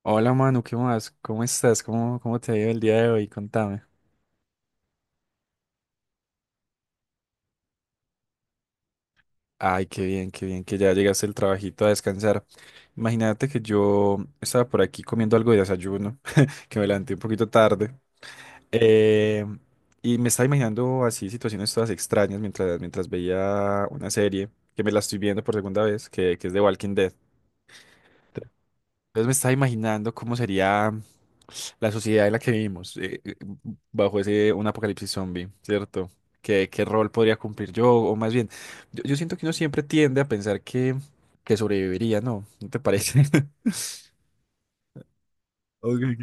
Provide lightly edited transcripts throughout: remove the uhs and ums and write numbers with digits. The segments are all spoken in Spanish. Hola Manu, ¿qué más? ¿Cómo estás? ¿Cómo te ha ido el día de hoy? Contame. Ay, qué bien que ya llegaste el trabajito a descansar. Imagínate que yo estaba por aquí comiendo algo de desayuno, que me levanté un poquito tarde. eh, y me estaba imaginando así situaciones todas extrañas mientras veía una serie, que me la estoy viendo por segunda vez, que es de Walking Dead. Entonces me estaba imaginando cómo sería. La sociedad en la que vivimos, bajo ese un apocalipsis zombie, ¿cierto? ¿Qué rol podría cumplir yo? O más bien, yo siento que uno siempre tiende a pensar que sobreviviría, ¿no? ¿No te parece? Ok,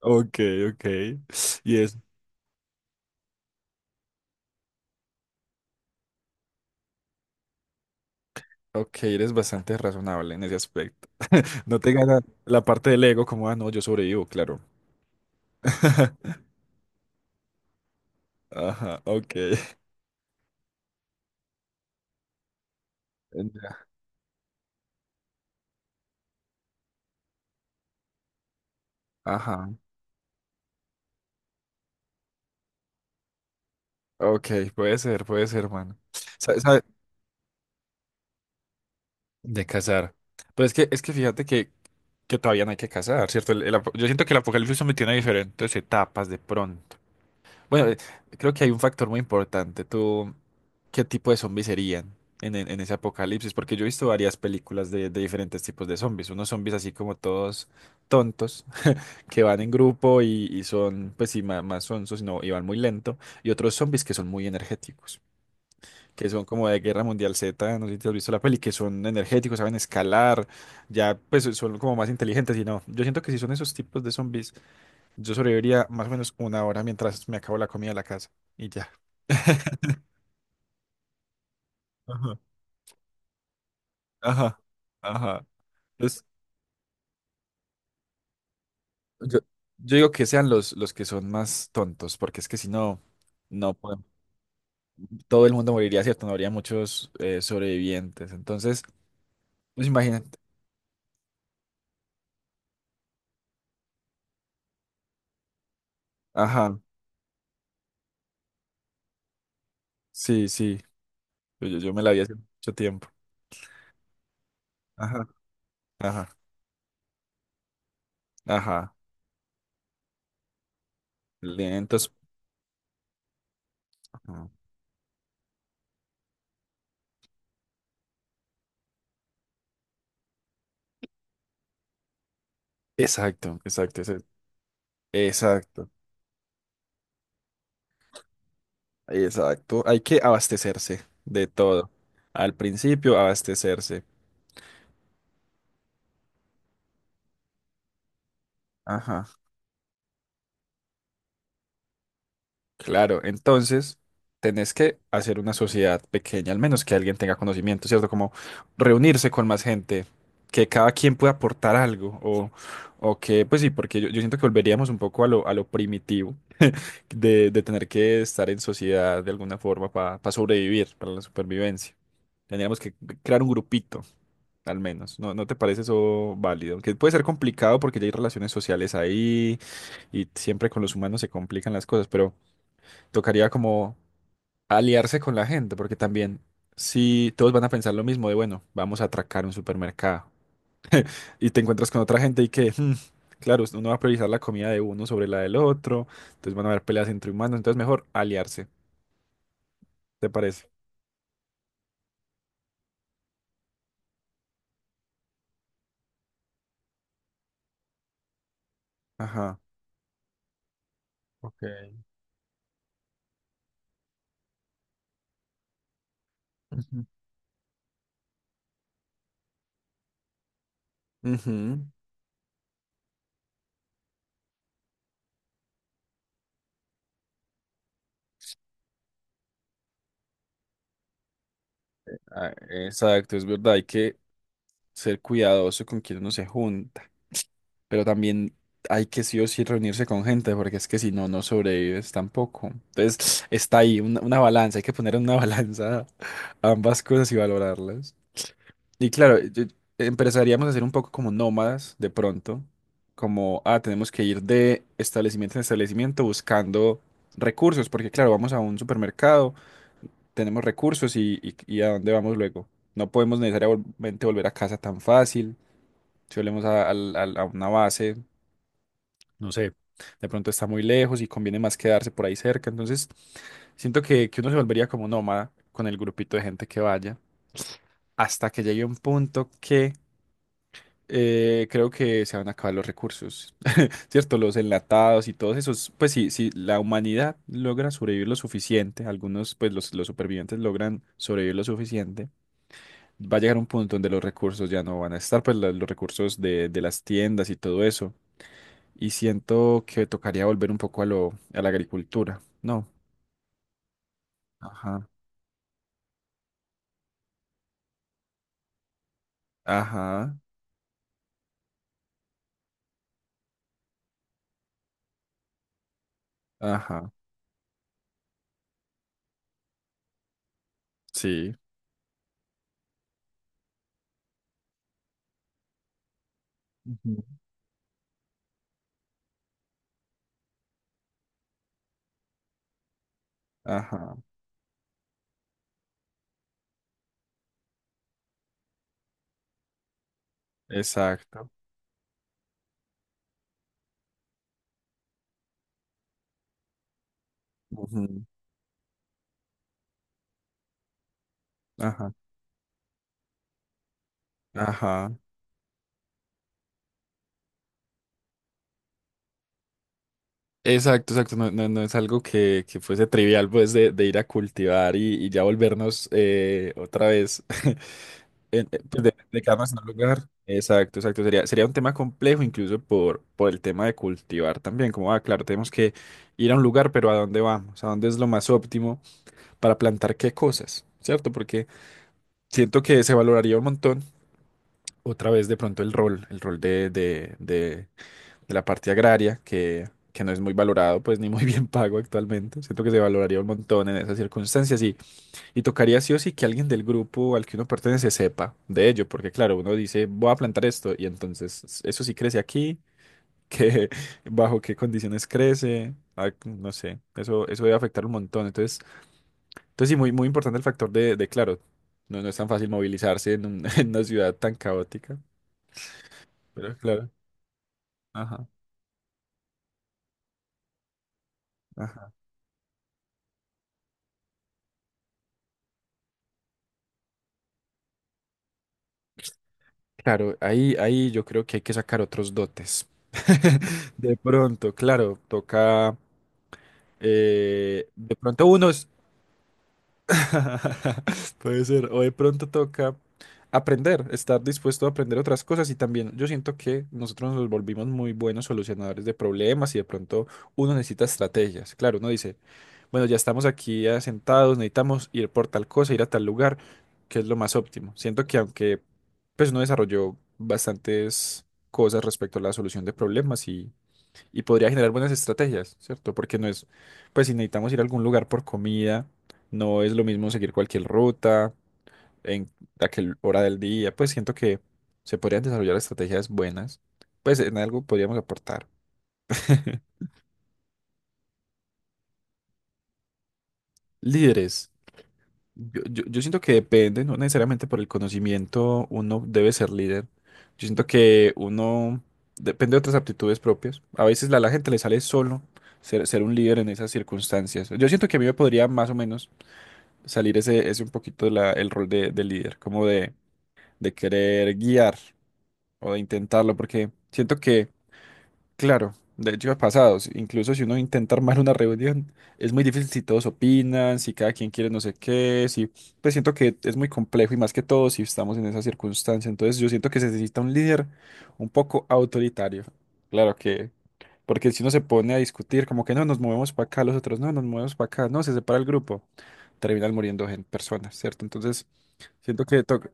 ok, ok. Y es, ok, eres bastante razonable en ese aspecto. No te gana la parte del ego como, ah, no, yo sobrevivo, claro. Ajá, ok. Ya. Ajá, ok, puede ser, mano. De cazar. Pero es que fíjate que, todavía no hay que cazar, ¿cierto? Yo siento que el apocalipsis zombie tiene diferentes etapas de pronto. Bueno, creo que hay un factor muy importante. ¿Tú qué tipo de zombies serían en ese apocalipsis? Porque yo he visto varias películas de diferentes tipos de zombies. Unos zombies así como todos tontos, que van en grupo y son, pues sí, más, sonsos, no, y van muy lento. Y otros zombies que son muy energéticos que son como de Guerra Mundial Z, no sé si te has visto la peli, que son energéticos, saben escalar, ya pues son como más inteligentes y no. Yo siento que si son esos tipos de zombies, yo sobreviviría más o menos una hora mientras me acabo la comida de la casa y ya. Ajá, ajá, ajá. Entonces, yo, yo digo que sean los, que son más tontos, porque es que si no, no podemos. Todo el mundo moriría, ¿cierto? No habría muchos sobrevivientes. Entonces, pues imagínate. Ajá, sí, sí. Yo me la vi hace mucho tiempo. Ajá, ajá. Ajá, lentos. Ajá. Exacto, exacto, exacto, exacto. Hay que abastecerse de todo. Al principio, abastecerse. Ajá, claro. Entonces, tenés que hacer una sociedad pequeña, al menos que alguien tenga conocimiento, ¿cierto? Como reunirse con más gente, que cada quien pueda aportar algo, o que, pues sí, porque yo siento que volveríamos un poco a lo primitivo de tener que estar en sociedad de alguna forma para sobrevivir, para la supervivencia. Tendríamos que crear un grupito, al menos. ¿No te parece eso válido? Que puede ser complicado porque ya hay relaciones sociales ahí y siempre con los humanos se complican las cosas, pero tocaría como aliarse con la gente, porque también si todos van a pensar lo mismo de, bueno, vamos a atracar un supermercado y te encuentras con otra gente y que. Claro, uno va a priorizar la comida de uno sobre la del otro, entonces van a haber peleas entre humanos, entonces mejor aliarse. ¿Te parece? Ajá. Ok. Ujú. Ujú. Ah, exacto, es verdad, hay que ser cuidadoso con quien uno se junta, pero también hay que sí o sí reunirse con gente, porque es que si no, no sobrevives tampoco. Entonces, está ahí una balanza, hay que poner en una balanza ambas cosas y valorarlas. Y claro, empezaríamos a ser un poco como nómadas de pronto, como, ah, tenemos que ir de establecimiento en establecimiento buscando recursos, porque claro, vamos a un supermercado. Tenemos recursos y a dónde vamos luego. No podemos necesariamente volver a casa tan fácil. Si volvemos a una base, no sé, de pronto está muy lejos y conviene más quedarse por ahí cerca. Entonces, siento que uno se volvería como nómada con el grupito de gente que vaya, hasta que llegue un punto que creo que se van a acabar los recursos, ¿cierto? Los enlatados y todos esos. Pues sí, si la humanidad logra sobrevivir lo suficiente, algunos, pues los supervivientes logran sobrevivir lo suficiente va a llegar un punto donde los recursos ya no van a estar, pues los recursos de las tiendas y todo eso. Y siento que tocaría volver un poco a la agricultura, ¿no? Ajá, ajá, ajá, sí, ujú. Ajá, exacto, ujú, ajá, ajá. Exacto, exacto, no, no, no es algo que fuese trivial, pues, de ir a cultivar y ya volvernos otra vez. Pues, de cada nación al lugar. Exacto, exacto. Sería un tema complejo incluso por el tema de cultivar también. Como, ah, claro, tenemos que ir a un lugar, pero ¿a dónde vamos? ¿A dónde es lo más óptimo para plantar qué cosas? ¿Cierto? Porque siento que se valoraría un montón otra vez de pronto el rol de la parte agraria, que no es muy valorado, pues ni muy bien pago actualmente. Siento que se valoraría un montón en esas circunstancias y tocaría sí o sí que alguien del grupo al que uno pertenece sepa de ello, porque claro, uno dice, voy a plantar esto, y entonces eso sí crece aquí, que bajo qué condiciones crece, ah, no sé, eso debe afectar un montón. entonces sí, muy, muy importante el factor de claro, no es tan fácil movilizarse en una ciudad tan caótica, pero claro, ajá, ajá. Claro, ahí yo creo que hay que sacar otros dotes. De pronto, claro, toca. De pronto uno puede ser. O de pronto toca aprender, estar dispuesto a aprender otras cosas. Y también yo siento que nosotros nos volvimos muy buenos solucionadores de problemas y de pronto uno necesita estrategias. Claro, uno dice, bueno, ya estamos aquí ya sentados, necesitamos ir por tal cosa, ir a tal lugar, que es lo más óptimo. Siento que aunque pues uno desarrolló bastantes cosas respecto a la solución de problemas y podría generar buenas estrategias, ¿cierto? Porque no es, pues si necesitamos ir a algún lugar por comida, no es lo mismo seguir cualquier ruta en aquel hora del día, pues siento que se podrían desarrollar estrategias buenas, pues en algo podríamos aportar. Líderes, yo siento que depende, no necesariamente por el conocimiento uno debe ser líder, yo siento que uno depende de otras aptitudes propias, a veces a la gente le sale solo ser un líder en esas circunstancias, yo siento que a mí me podría más o menos salir ese un poquito el rol de líder, como de querer guiar o de intentarlo, porque siento que, claro, de hecho ha pasado, incluso si uno intenta armar una reunión, es muy difícil si todos opinan, si cada quien quiere no sé qué, si, pues siento que es muy complejo y más que todo si estamos en esa circunstancia, entonces yo siento que se necesita un líder un poco autoritario, claro. Porque si uno se pone a discutir, como que no, nos movemos para acá, los otros no, nos movemos para acá, no, se separa el grupo, terminan muriendo personas, ¿cierto? Entonces, siento que toca.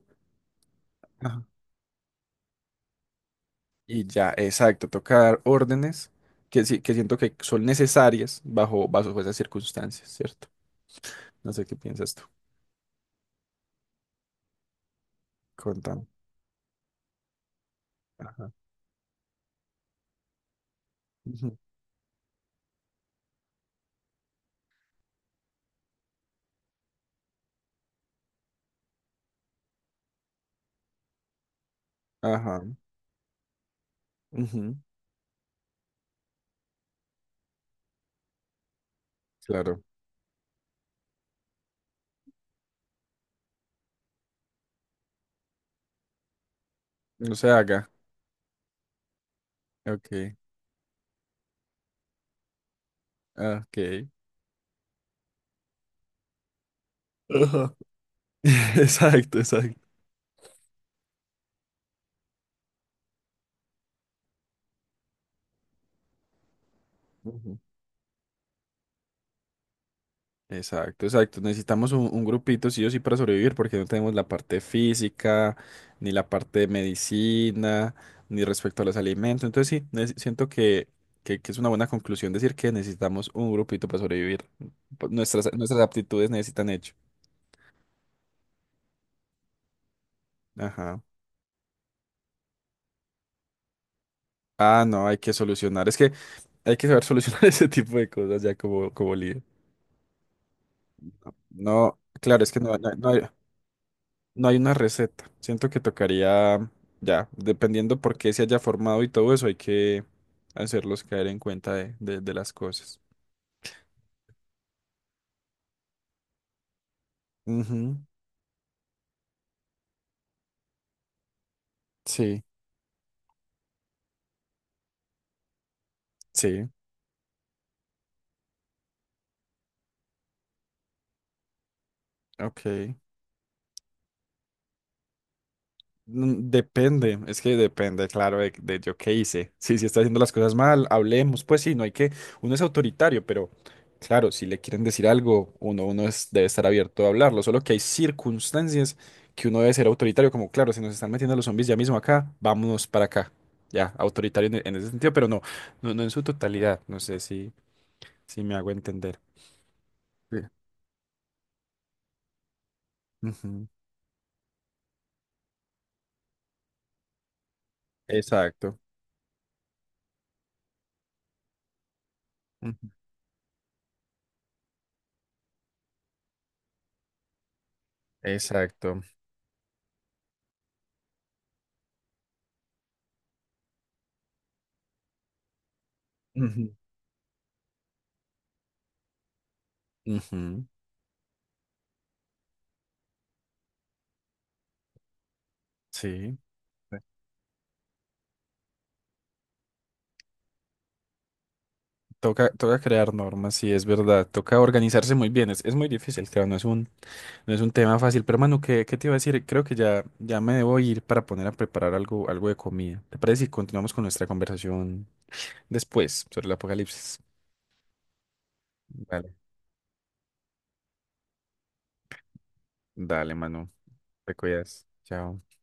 Ajá. Y ya, exacto, toca dar órdenes que, sí, que siento que son necesarias bajo esas circunstancias, ¿cierto? No sé qué piensas tú. Contame. Ajá. Ujú. Ajá. Ujú. Claro. No se haga. Ok. Ah, ok. Ajá. Exacto, exacto. Ujú. Exacto, exacto. Necesitamos un grupito, sí o sí, para sobrevivir, porque no tenemos la parte física, ni la parte de medicina, ni respecto a los alimentos. Entonces sí, siento que es una buena conclusión decir que necesitamos un grupito para sobrevivir. Nuestras aptitudes necesitan hecho. Ajá. Ah, no, hay que solucionar. Es que hay que saber solucionar ese tipo de cosas ya como líder. No, claro, es que no, no, no hay. No hay una receta. Siento que tocaría, ya, dependiendo por qué se haya formado y todo eso, hay que hacerlos caer en cuenta de las cosas. Ujú, sí, sí, ok. Depende, es que depende, claro, de yo qué hice. Sí, si está haciendo las cosas mal, hablemos, pues sí, no hay que, uno es autoritario, pero claro, si le quieren decir algo, uno debe estar abierto a hablarlo, solo que hay circunstancias que uno debe ser autoritario, como claro, si nos están metiendo los zombies ya mismo acá, vámonos para acá. Ya, autoritario en ese sentido, pero no, no, no en su totalidad, no sé si me hago entender. Sí. Ujú, exacto. Ujú, exacto. Ujú, ujú, sí. Toca crear normas, sí, es verdad. Toca organizarse muy bien. Es muy difícil, claro, no es un tema fácil. Pero, hermano, ¿qué te iba a decir? Creo que ya me debo ir para poner a preparar algo, de comida. ¿Te parece si continuamos con nuestra conversación después sobre el apocalipsis? Vale. Dale, Manu. Te cuidas. Chao.